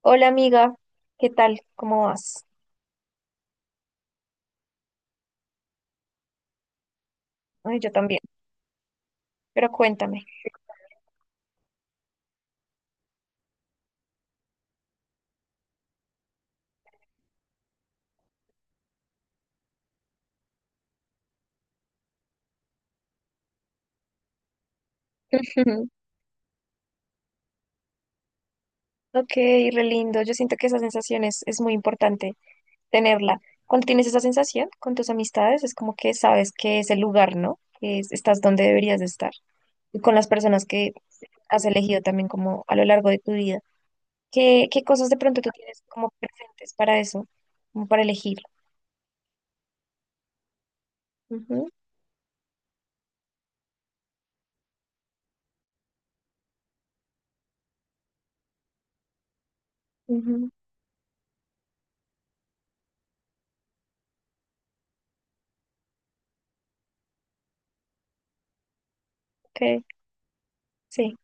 Hola amiga, ¿qué tal? ¿Cómo vas? Ay, yo también, pero cuéntame. Ok, re lindo. Yo siento que esa sensación es muy importante tenerla. Cuando tienes esa sensación con tus amistades, es como que sabes que es el lugar, ¿no? Estás donde deberías de estar. Y con las personas que has elegido también como a lo largo de tu vida. ¿Qué cosas de pronto tú tienes como presentes para eso? Como para elegir. Ujú, ujú, ok, sí,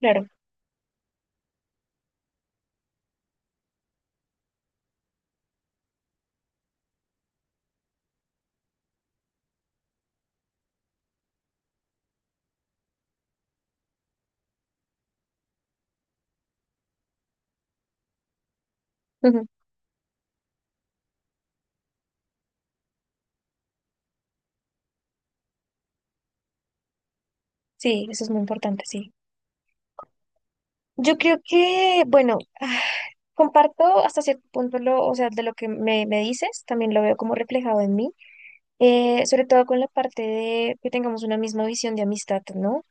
claro. Ujú. Sí, eso es muy importante, sí. Yo creo que, bueno, comparto hasta cierto punto o sea, de lo que me dices, también lo veo como reflejado en mí, sobre todo con la parte de que tengamos una misma visión de amistad, ¿no?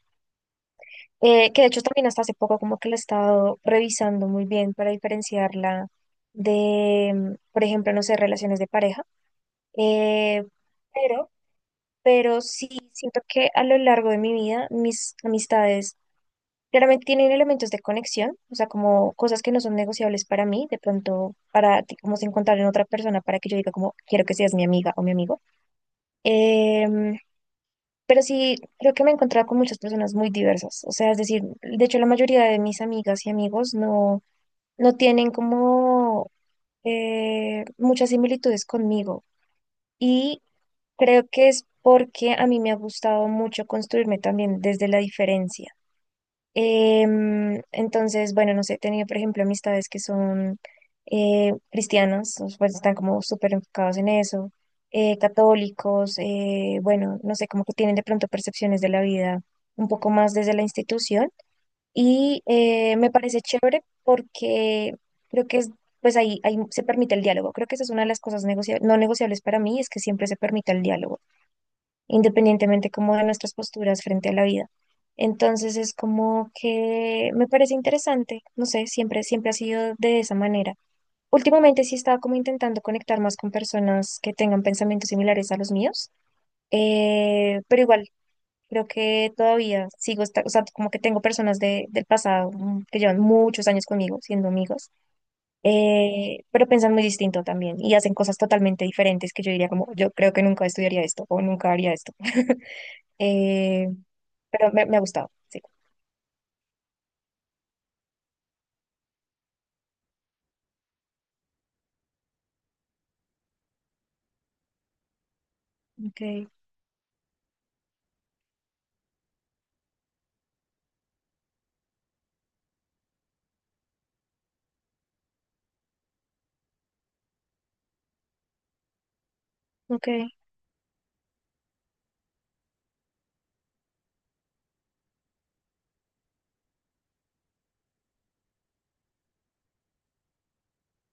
Que de hecho también hasta hace poco como que la he estado revisando muy bien para diferenciarla de, por ejemplo, no sé, relaciones de pareja, eh, pero, pero sí siento que a lo largo de mi vida mis amistades claramente tienen elementos de conexión, o sea, como cosas que no son negociables para mí, de pronto para ti, como se encontrar en otra persona para que yo diga como quiero que seas mi amiga o mi amigo. Em, pero sí, creo que me he encontrado con muchas personas muy diversas, o sea, es decir, de hecho la mayoría de mis amigas y amigos no, no tienen como muchas similitudes conmigo y creo que es porque a mí me ha gustado mucho construirme también desde la diferencia. Entonces, bueno, no sé, he tenido, por ejemplo, amistades que son cristianos, o, pues están como súper enfocados en eso, católicos, bueno, no sé, como que tienen de pronto percepciones de la vida un poco más desde la institución. Y me parece chévere porque creo que es, pues ahí se permite el diálogo. Creo que esa es una de las cosas no negociables para mí, es que siempre se permite el diálogo independientemente como de nuestras posturas frente a la vida. Entonces es como que me parece interesante, no sé, siempre ha sido de esa manera. Últimamente sí he estado como intentando conectar más con personas que tengan pensamientos similares a los míos, pero igual creo que todavía sigo, o sea, como que tengo personas del pasado que llevan muchos años conmigo siendo amigos, pero piensan muy distinto también y hacen cosas totalmente diferentes que yo diría como, yo creo que nunca estudiaría esto o nunca haría esto. Eh, pero me ha gustado, sí. Okay. Okay,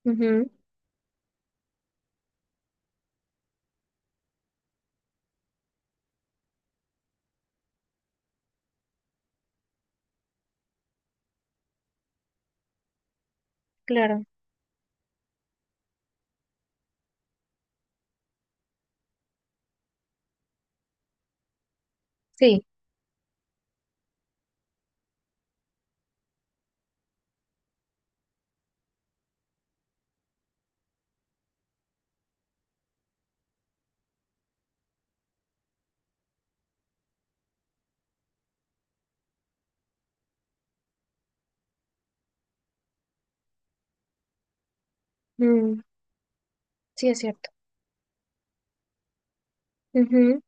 ujú, claro, sí, mm, sí es cierto, ujú,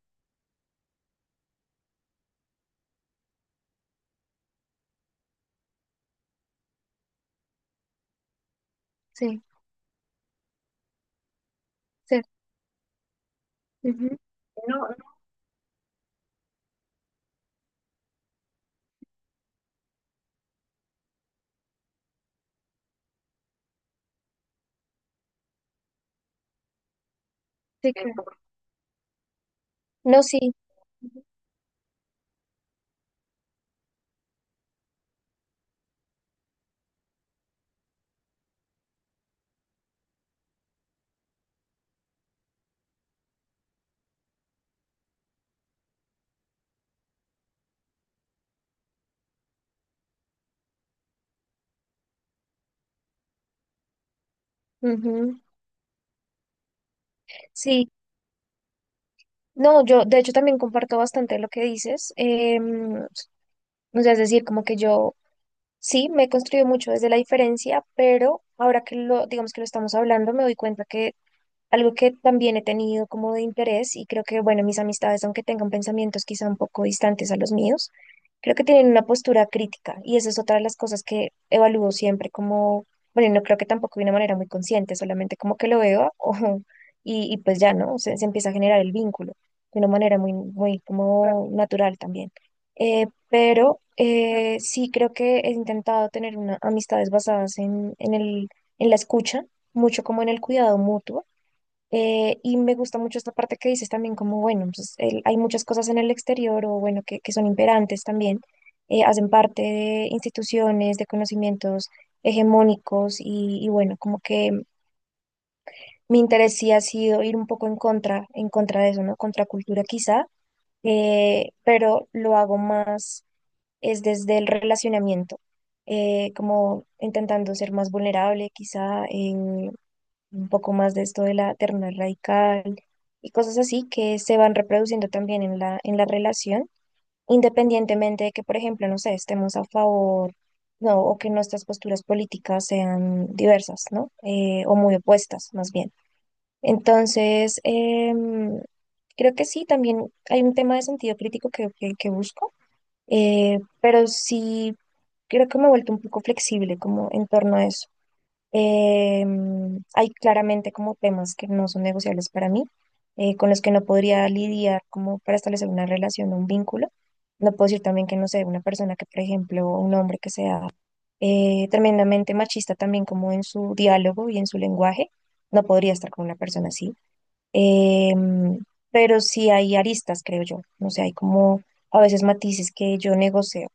sí, sí, ujú. No, no, sí, claro, no, sí, ujú, sí. No, yo de hecho también comparto bastante lo que dices. em, o sea, es decir, como que yo sí me he construido mucho desde la diferencia, pero ahora que lo, digamos que lo estamos hablando, me doy cuenta que algo que también he tenido como de interés y creo que, bueno, mis amistades, aunque tengan pensamientos quizá un poco distantes a los míos, creo que tienen una postura crítica y esa es otra de las cosas que evalúo siempre como, bueno, no creo que tampoco de una manera muy consciente, solamente como que lo veo y pues ya, ¿no? Se empieza a generar el vínculo de una manera muy como natural también. Sí creo que he intentado tener una, amistades basadas en el, en la escucha, mucho como en el cuidado mutuo y me gusta mucho esta parte que dices también, como bueno, pues, hay muchas cosas en el exterior o bueno, que son imperantes también, hacen parte de instituciones, de conocimientos hegemónicos y bueno, como que mi interés sí ha sido ir un poco en contra de eso, ¿no? Contra cultura quizá, pero lo hago más es desde el relacionamiento, como intentando ser más vulnerable quizá, un poco más de esto de la terna radical y cosas así que se van reproduciendo también en en la relación, independientemente de que, por ejemplo, no sé, estemos a favor, no, o que nuestras posturas políticas sean diversas, ¿no? O muy opuestas, más bien. Entonces, creo que sí, también hay un tema de sentido crítico que busco, pero sí creo que me he vuelto un poco flexible como en torno a eso. Eh, Hay claramente como temas que no son negociables para mí, con los que no podría lidiar como para establecer una relación o un vínculo. No puedo decir también que no sé, una persona que, por ejemplo, un hombre que sea tremendamente machista también como en su diálogo y en su lenguaje, no podría estar con una persona así. Eh, pero sí hay aristas, creo yo. No sé, hay como a veces matices que yo negocio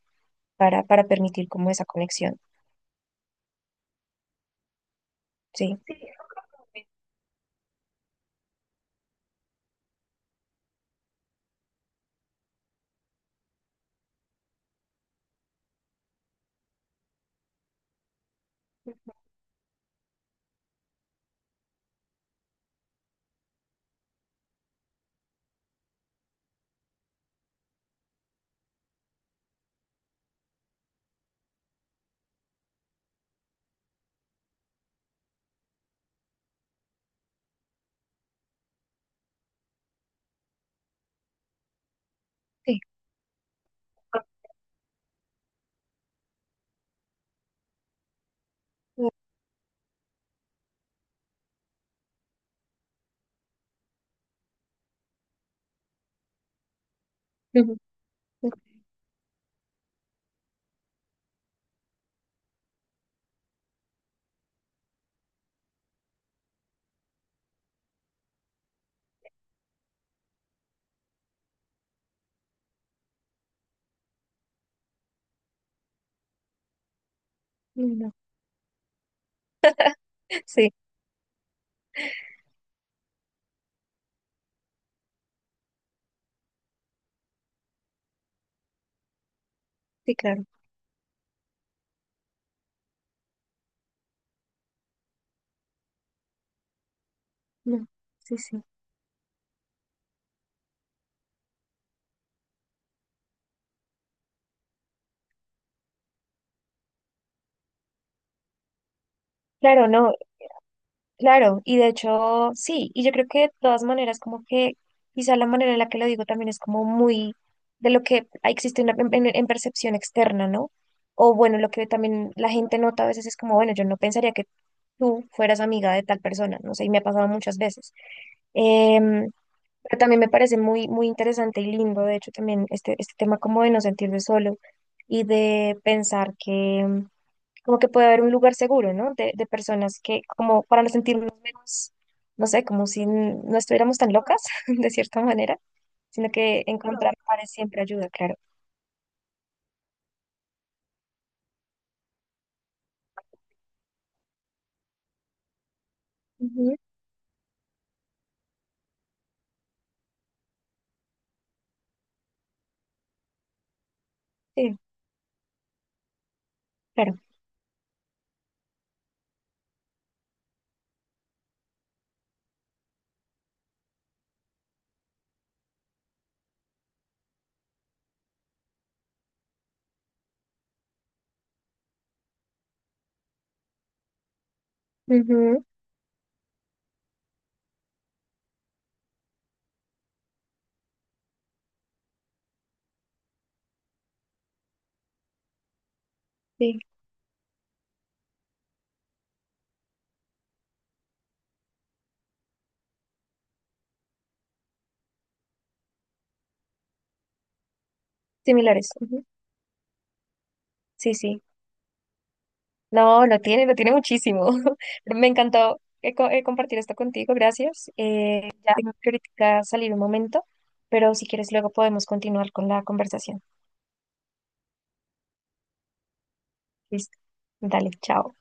para permitir como esa conexión. Sí. Sí. Ujú. No, no. Sí, sí, claro. No. Sí, sí. Claro, no, claro, y de hecho, sí, y yo creo que de todas maneras, como que quizá la manera en la que lo digo también es como muy de lo que existe una, en percepción externa, ¿no? O bueno, lo que también la gente nota a veces es como, bueno, yo no pensaría que tú fueras amiga de tal persona, no sé, y me ha pasado muchas veces. Em, pero también me parece muy interesante y lindo, de hecho, también este tema como de no sentirse solo y de pensar que como que puede haber un lugar seguro, ¿no? De personas que, como para no sentirnos menos, no sé, como si no estuviéramos tan locas, de cierta manera, sino que encontrar pares siempre ayuda, claro. Ujú, sí, claro. Ujú, sí, similares. Ujú. Sí, sí. No, lo tiene muchísimo. Pero me encantó compartir esto contigo, gracias. Ya tengo que ahorita salir un momento, pero si quieres luego podemos continuar con la conversación. Listo. Dale, chao.